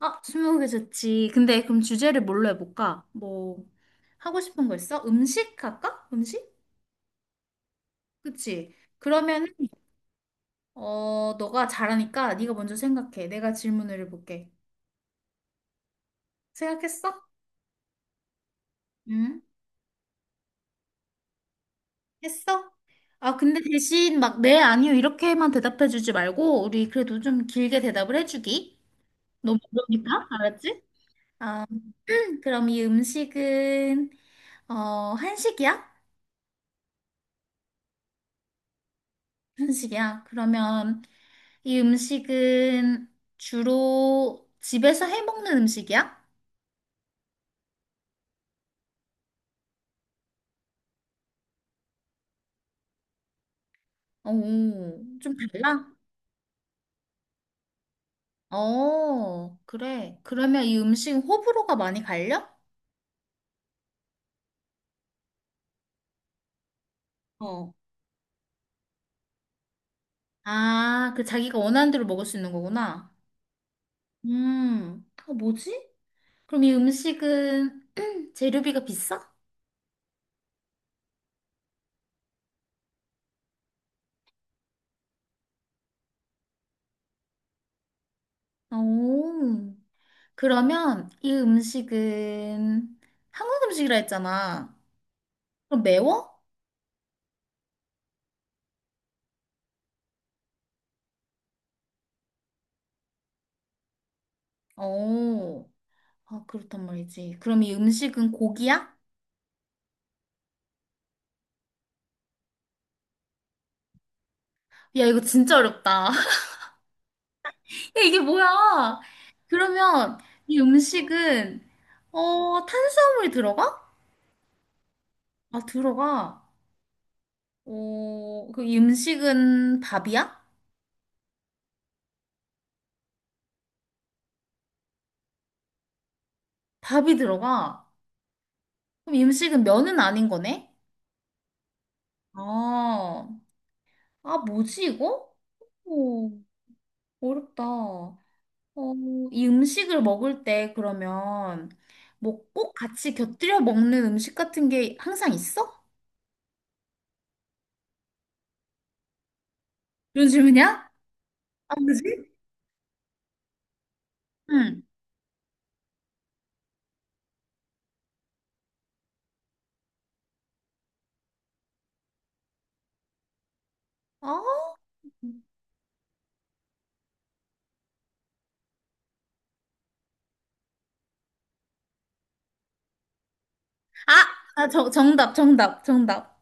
아, 스무고개 좋지. 근데 그럼 주제를 뭘로 해볼까? 뭐, 하고 싶은 거 있어? 음식 할까? 음식? 그치? 그러면, 어, 너가 잘하니까 네가 먼저 생각해. 내가 질문을 해볼게. 생각했어? 응? 했어? 아, 근데 대신 막, 네, 아니요, 이렇게만 대답해주지 말고, 우리 그래도 좀 길게 대답을 해주기. 너무 어려우니까, 알았지? 아, 그럼 이 음식은, 어, 한식이야? 한식이야. 그러면, 이 음식은 주로 집에서 해 먹는 음식이야? 오, 좀 달라? 어, 그래. 그러면 이 음식은 호불호가 많이 갈려? 어. 아, 그 자기가 원하는 대로 먹을 수 있는 거구나. 어, 뭐지? 그럼 이 음식은 재료비가 비싸? 오, 그러면 이 음식은 한국 음식이라 했잖아. 그럼 매워? 오, 아, 그렇단 말이지. 그럼 이 음식은 고기야? 야, 이거 진짜 어렵다. 야, 이게 뭐야? 그러면 이 음식은, 어, 탄수화물이 들어가? 아, 들어가. 어, 그 이 음식은 밥이야? 밥이 들어가. 그럼 이 음식은 면은 아닌 거네? 아, 아, 뭐지, 이거? 오, 어렵다. 어, 이 음식을 먹을 때 그러면 뭐 꼭 같이 곁들여 먹는 음식 같은 게 항상 있어? 그런 질문이야? 아, 뭐지? 응. 어? 아, 아, 저, 정답, 정답, 정답.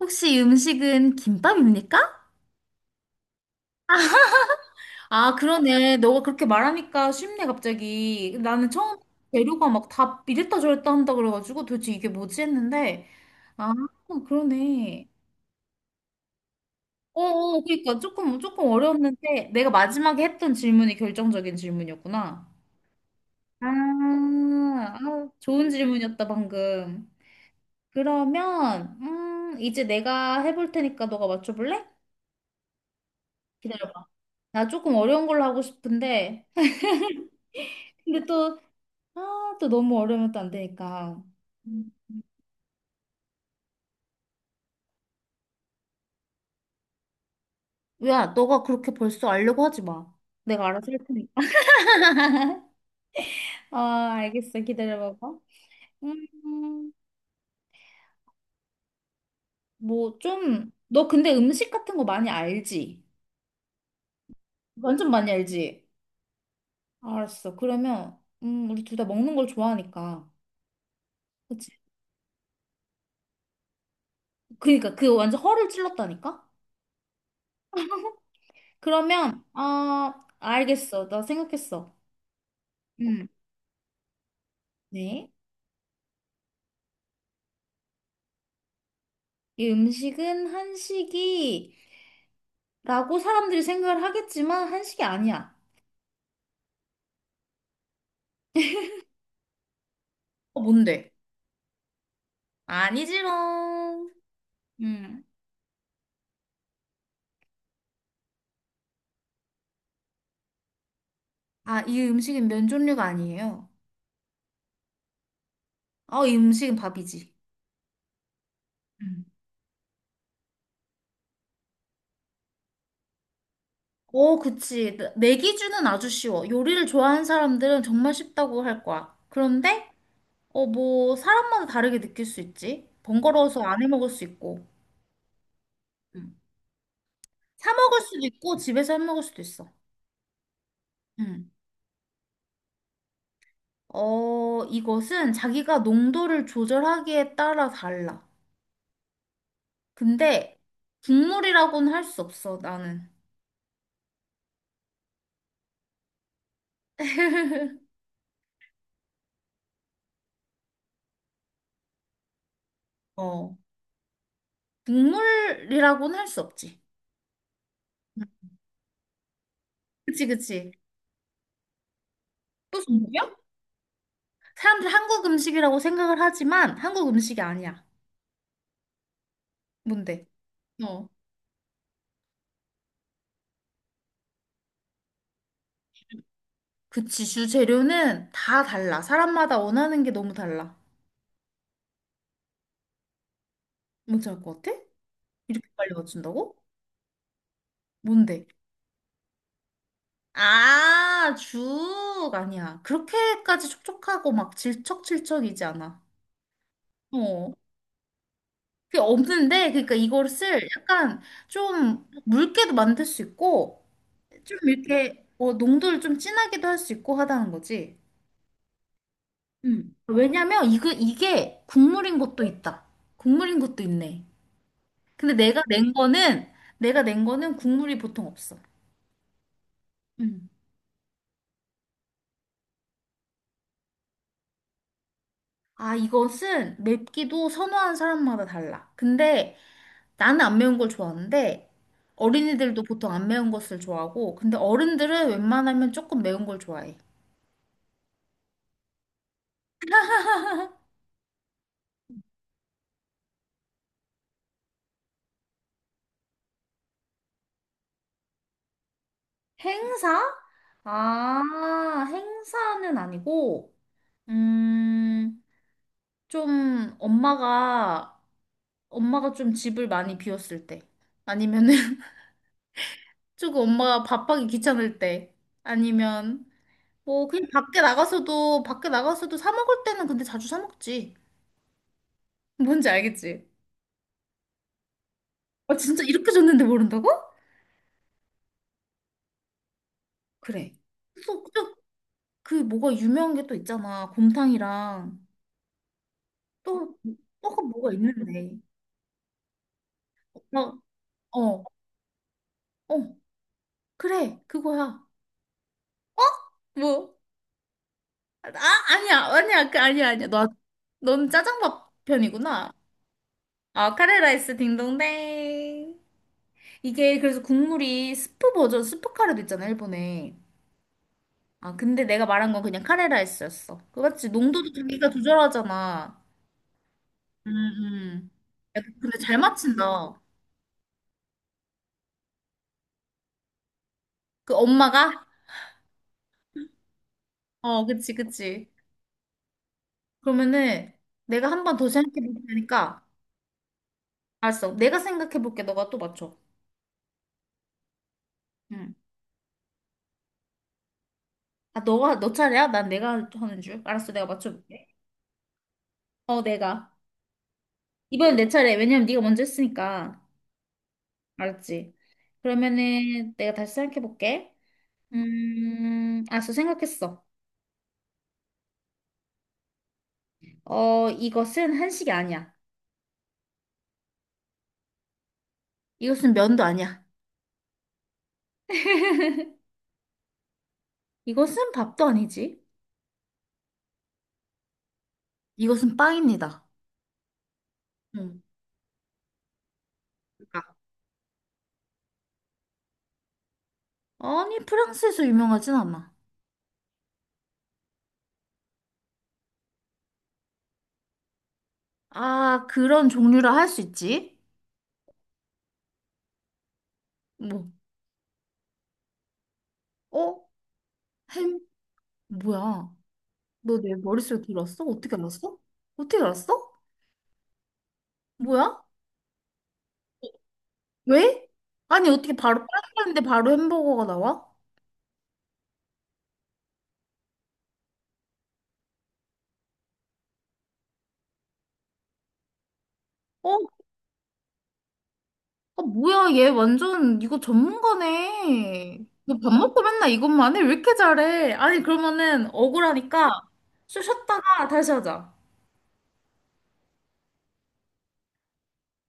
혹시 이 음식은 김밥입니까? 아, 그러네. 너가 그렇게 말하니까 쉽네, 갑자기. 나는 처음 재료가 막 다 이랬다 저랬다 한다 그래가지고 도대체 이게 뭐지 했는데. 아, 그러네. 어, 어, 그러니까 조금, 조금 어려웠는데 내가 마지막에 했던 질문이 결정적인 질문이었구나. 아, 아, 좋은 질문이었다, 방금. 그러면 이제 내가 해볼 테니까 너가 맞춰볼래? 기다려봐. 나 조금 어려운 걸로 하고 싶은데 근데 또, 아, 또 너무 어려우면 또 안 되니까. 음. 야, 너가 그렇게 벌써 알려고 하지 마. 내가 알아서 할 테니까. 아, 알겠어. 기다려봐봐. 음, 뭐 좀, 너 근데 음식 같은 거 많이 알지? 완전 많이 알지? 알았어. 그러면 우리 둘 다 먹는 걸 좋아하니까. 그치? 그니까 그 완전 허를 찔렀다니까? 그러면, 어, 알겠어. 나 생각했어. 음. 네. 이 음식은 한식이라고 사람들이 생각을 하겠지만 한식이 아니야. 어, 뭔데? 아니지롱. 음. 아, 이 음식은 면 종류가 아니에요. 아, 이 음식은 밥이지. 음. 어, 그치. 내 기준은 아주 쉬워. 요리를 좋아하는 사람들은 정말 쉽다고 할 거야. 그런데, 어, 뭐, 사람마다 다르게 느낄 수 있지. 번거로워서 안 해 먹을 수 있고. 사 먹을 수도 있고 집에서 해 먹을 수도 있어. 음. 어, 이것은 자기가 농도를 조절하기에 따라 달라. 근데 국물이라고는 할 수 없어, 나는. 어. 국물이라고는 할 수 없지. 음. 그치, 그치. 또 음식이야? 사람들 한국 음식이라고 생각을 하지만 한국 음식이 아니야. 뭔데? 어. 그치, 주재료는 다 달라. 사람마다 원하는 게 너무 달라. 뭔지 알 것 같아? 이렇게 빨리 맞춘다고? 뭔데? 아, 죽 아니야. 그렇게까지 촉촉하고 막 질척질척이지 않아. 어. 그게 없는데, 그러니까 이걸 쓸 약간 좀 묽게도 만들 수 있고, 좀 이렇게 어, 농도를 좀 진하게도 할 수 있고 하다는 거지. 음. 왜냐면 이거 이게 국물인 것도 있다. 국물인 것도 있네. 근데 내가 낸 거는 국물이 보통 없어. 음. 아, 이것은 맵기도 선호하는 사람마다 달라. 근데 나는 안 매운 걸 좋아하는데 어린이들도 보통 안 매운 것을 좋아하고 근데 어른들은 웬만하면 조금 매운 걸 좋아해. 행사? 아, 행사는 아니고, 음, 좀 엄마가 좀 집을 많이 비웠을 때 아니면은 조금 엄마가 밥하기 귀찮을 때 아니면 뭐 그냥 밖에 나가서도 사 먹을 때는 근데 자주 사 먹지. 뭔지 알겠지? 아 진짜 이렇게 줬는데 모른다고? 그래. 그래서 그 뭐가 유명한 게 또 있잖아. 곰탕이랑 또 또가 뭐가 있는데. 막 어, 어, 그래 그거야. 어? 뭐? 아 아니야 아니야 그 아니야 아니야. 너 넌 짜장밥 편이구나. 아 카레라이스 딩동댕. 이게 그래서 국물이 스프 버전 스프 카레도 있잖아 일본에. 아 근데 내가 말한 건 그냥 카레라이스였어. 그 맞지? 농도도 자기가 조절하잖아. 음, 음. 야, 근데 잘 맞춘다. 그 엄마가? 어, 그치, 그치. 그러면은 내가 한 번 더 생각해 볼 테니까. 알았어. 내가 생각해 볼게. 너가 또 맞춰. 응. 아, 너가, 너 차례야? 난 내가 하는 줄. 알았어. 내가 맞춰 볼게. 어, 내가. 이번엔 내 차례. 왜냐면 네가 먼저 했으니까. 알았지? 그러면은 내가 다시 생각해 볼게. 알았어. 생각했어. 어, 이것은 한식이 아니야. 이것은 면도 아니야. 이것은 밥도 아니지. 이것은 빵입니다. 응. 아니, 프랑스에서 유명하진 않아. 아, 그런 종류라 할 수 있지? 뭐, 어? 햄? 뭐야? 너 내 머릿속에 들었어? 어떻게 알았어? 어떻게 알았어? 뭐야? 왜? 아니, 어떻게 바로 프랑스인데 바로 햄버거가 나와? 어? 아, 뭐야, 얘 완전 이거 전문가네. 너 밥 먹고 맨날 이것만 해? 왜 이렇게 잘해? 아니, 그러면은 억울하니까 쉬었다가 다시 하자.